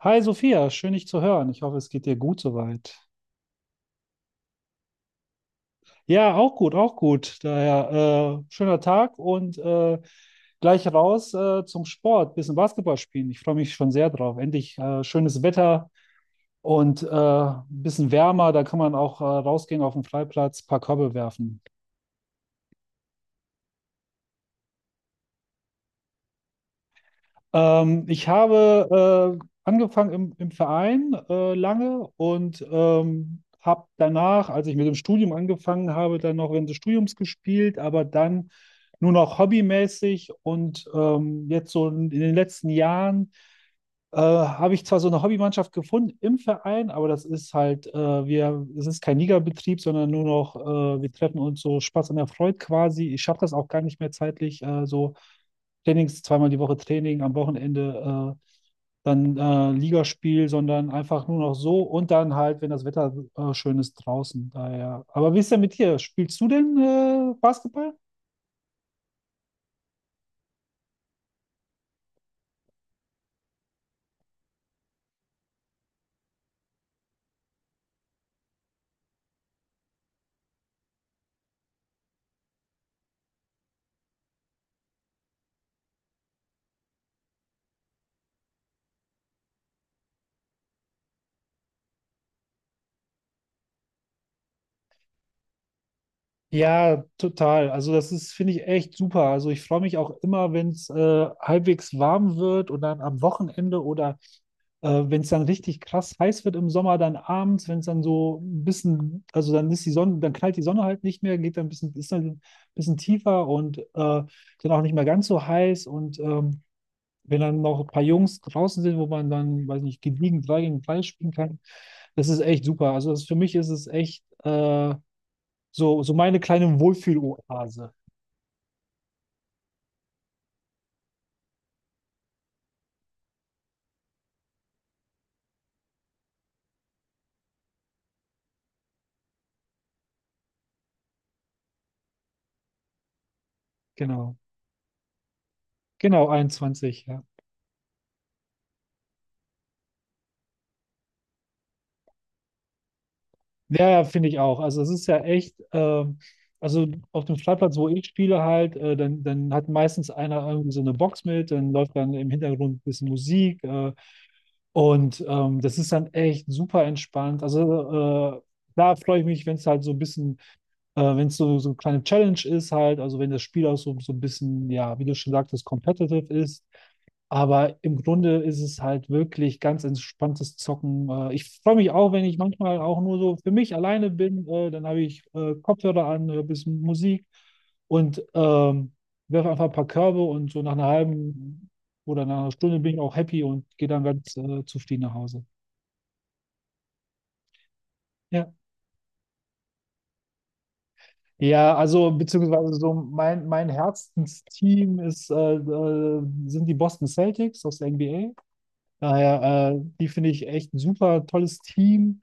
Hi Sophia, schön dich zu hören. Ich hoffe, es geht dir gut soweit. Ja, auch gut, auch gut. Daher schöner Tag und gleich raus zum Sport, bisschen Basketball spielen. Ich freue mich schon sehr drauf. Endlich schönes Wetter und ein bisschen wärmer. Da kann man auch rausgehen auf den Freiplatz, paar Körbe werfen. Ich habe angefangen im Verein lange und habe danach, als ich mit dem Studium angefangen habe, dann noch während des Studiums gespielt, aber dann nur noch hobbymäßig und jetzt so in den letzten Jahren habe ich zwar so eine Hobbymannschaft gefunden im Verein, aber das ist halt, es ist kein Ligabetrieb, sondern nur noch, wir treffen uns so Spaß an der Freude quasi. Ich schaffe das auch gar nicht mehr zeitlich, so Trainings, zweimal die Woche Training, am Wochenende dann Ligaspiel, sondern einfach nur noch so und dann halt, wenn das Wetter schön ist draußen. Daher. Aber wie ist denn mit dir? Spielst du denn Basketball? Ja, total. Also das ist, finde ich, echt super. Also ich freue mich auch immer, wenn es halbwegs warm wird und dann am Wochenende oder wenn es dann richtig krass heiß wird im Sommer, dann abends, wenn es dann so ein bisschen, also dann ist die Sonne, dann knallt die Sonne halt nicht mehr, geht dann ein bisschen, ist dann ein bisschen tiefer und dann auch nicht mehr ganz so heiß. Und wenn dann noch ein paar Jungs draußen sind, wo man dann, weiß nicht, gediegen 3 gegen 3 spielen kann, das ist echt super. Also das, für mich ist es echt. So, so meine kleine Wohlfühloase. Genau. Genau, 21, ja. Ja, ja, finde ich auch. Also es ist ja echt, also auf dem Freiplatz, wo ich spiele halt, dann hat meistens einer irgendwie so eine Box mit, dann läuft dann im Hintergrund ein bisschen Musik und das ist dann echt super entspannt. Also da freue ich mich, wenn es halt so ein bisschen, wenn es so, so eine kleine Challenge ist halt, also wenn das Spiel auch so, so ein bisschen, ja, wie du schon sagtest, competitive ist. Aber im Grunde ist es halt wirklich ganz entspanntes Zocken. Ich freue mich auch, wenn ich manchmal auch nur so für mich alleine bin. Dann habe ich Kopfhörer an, höre ein bisschen Musik und werfe einfach ein paar Körbe und so nach einer halben oder nach einer Stunde bin ich auch happy und gehe dann ganz zufrieden nach Hause. Ja. Ja, also beziehungsweise so mein Herzensteam sind die Boston Celtics aus der NBA. Daher, die finde ich echt ein super tolles Team.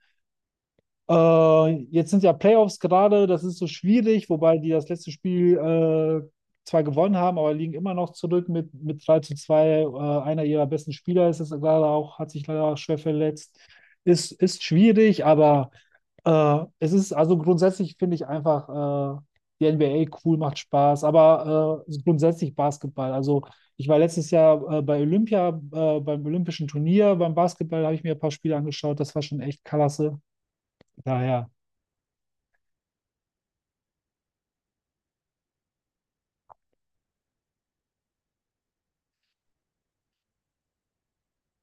Jetzt sind ja Playoffs gerade, das ist so schwierig, wobei die das letzte Spiel zwar gewonnen haben, aber liegen immer noch zurück mit 3:2. Einer ihrer besten Spieler ist es gerade auch, hat sich leider schwer verletzt. Ist schwierig, aber also grundsätzlich finde ich einfach die NBA cool, macht Spaß, aber grundsätzlich Basketball. Also ich war letztes Jahr bei Olympia, beim Olympischen Turnier, beim Basketball habe ich mir ein paar Spiele angeschaut, das war schon echt klasse. Daher.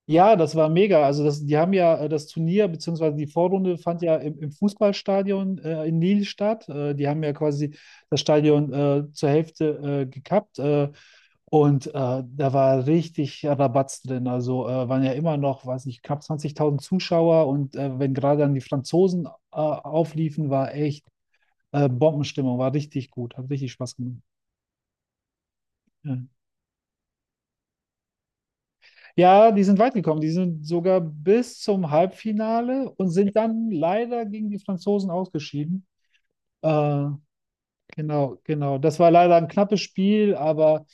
Ja, das war mega. Also das, die haben ja das Turnier, beziehungsweise die Vorrunde fand ja im Fußballstadion in Lille statt. Die haben ja quasi das Stadion zur Hälfte gekappt. Da war richtig Rabatz drin. Also waren ja immer noch, weiß nicht, knapp 20.000 Zuschauer. Und wenn gerade dann die Franzosen aufliefen, war echt Bombenstimmung, war richtig gut, hat richtig Spaß gemacht. Ja. Ja, die sind weit gekommen. Die sind sogar bis zum Halbfinale und sind dann leider gegen die Franzosen ausgeschieden. Äh, Genau, genau. Das war leider ein knappes Spiel, aber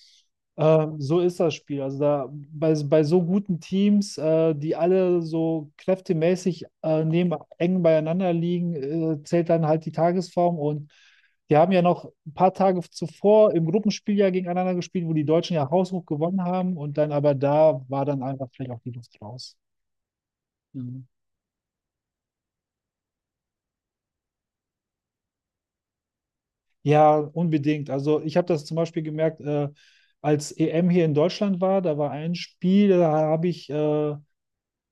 so ist das Spiel. Also da bei so guten Teams, die alle so kräftemäßig eng beieinander liegen, zählt dann halt die Tagesform. Und die haben ja noch ein paar Tage zuvor im Gruppenspiel ja gegeneinander gespielt, wo die Deutschen ja haushoch gewonnen haben. Und dann aber da war dann einfach vielleicht auch die Luft raus. Ja. Ja, unbedingt. Also ich habe das zum Beispiel gemerkt, als EM hier in Deutschland war, da war ein Spiel, da habe ich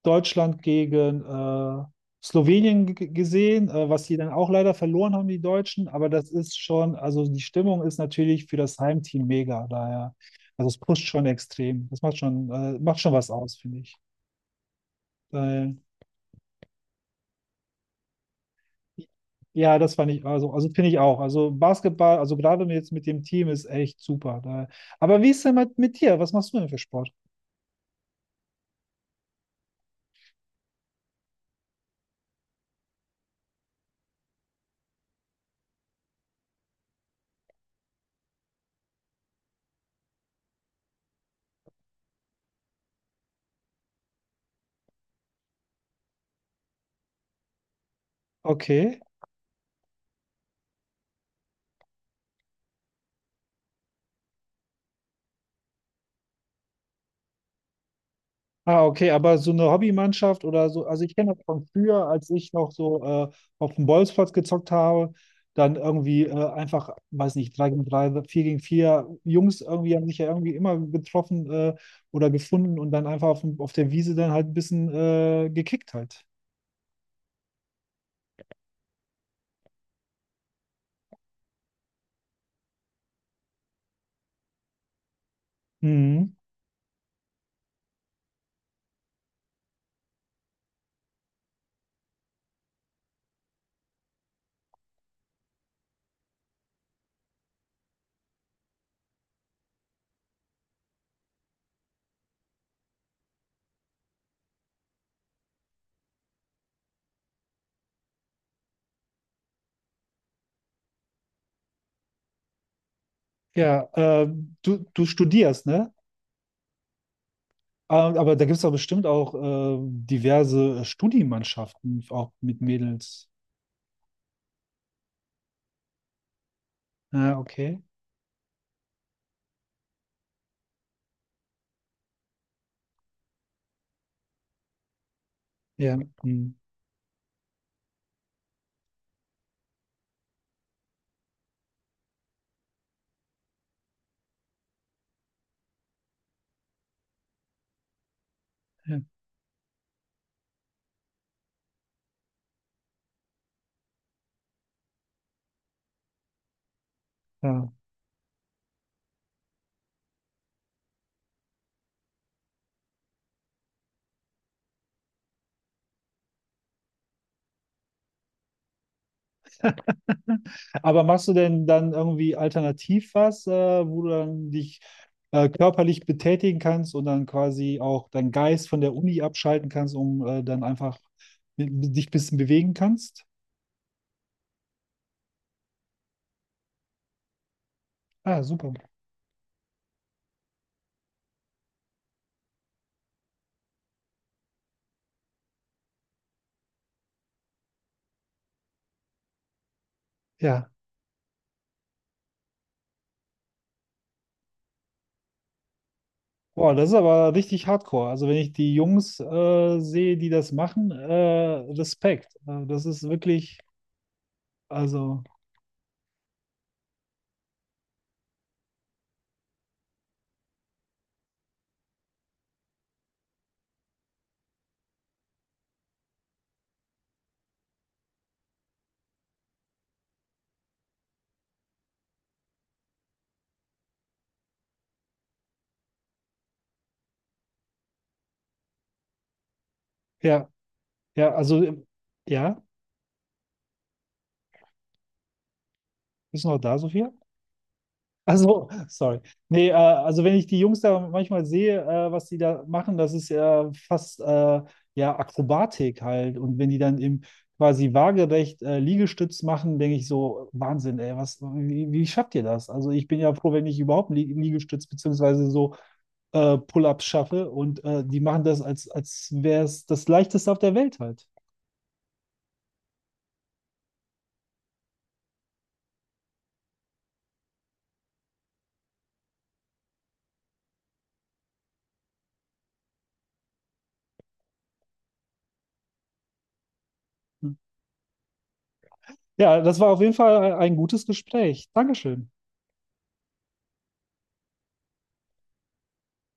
Deutschland gegen Slowenien gesehen, was sie dann auch leider verloren haben, die Deutschen. Aber das ist schon, also die Stimmung ist natürlich für das Heimteam mega. Daher, also es pusht schon extrem. Das macht schon was aus, finde ich. Daher. Ja, das fand ich, also finde ich auch. Also Basketball, also gerade jetzt mit dem Team ist echt super. Da. Aber wie ist denn mit dir? Was machst du denn für Sport? Okay. Ah, okay, aber so eine Hobbymannschaft oder so, also ich kenne das von früher, als ich noch so auf dem Bolzplatz gezockt habe, dann irgendwie einfach, weiß nicht, 3 gegen 3, 4 gegen 4 Jungs irgendwie haben sich ja irgendwie immer getroffen oder gefunden und dann einfach auf der Wiese dann halt ein bisschen gekickt halt. Mhm. Ja, du studierst, ne? Aber da gibt es doch bestimmt auch diverse Studienmannschaften, auch mit Mädels. Ah, okay. Ja. Hm. Ja. Ja. Aber machst du denn dann irgendwie alternativ was, wo du dann dich körperlich betätigen kannst und dann quasi auch deinen Geist von der Uni abschalten kannst, um dann einfach dich ein bisschen bewegen kannst? Ah, super. Ja. Boah, das ist aber richtig hardcore. Also wenn ich die Jungs sehe, die das machen, Respekt. Das ist wirklich, also, ja, ja, also, ja, bist du noch da, Sophia? Also, sorry. Nee, also wenn ich die Jungs da manchmal sehe, was die da machen, das ist ja fast, ja, Akrobatik halt. Und wenn die dann im quasi waagerecht Liegestütz machen, denke ich so, Wahnsinn, ey, wie, wie schafft ihr das? Also ich bin ja froh, wenn ich überhaupt einen Liegestütz beziehungsweise so Pull-ups schaffe und die machen das, als wäre es das Leichteste auf der Welt halt. Hm. Ja, das war auf jeden Fall ein gutes Gespräch. Dankeschön.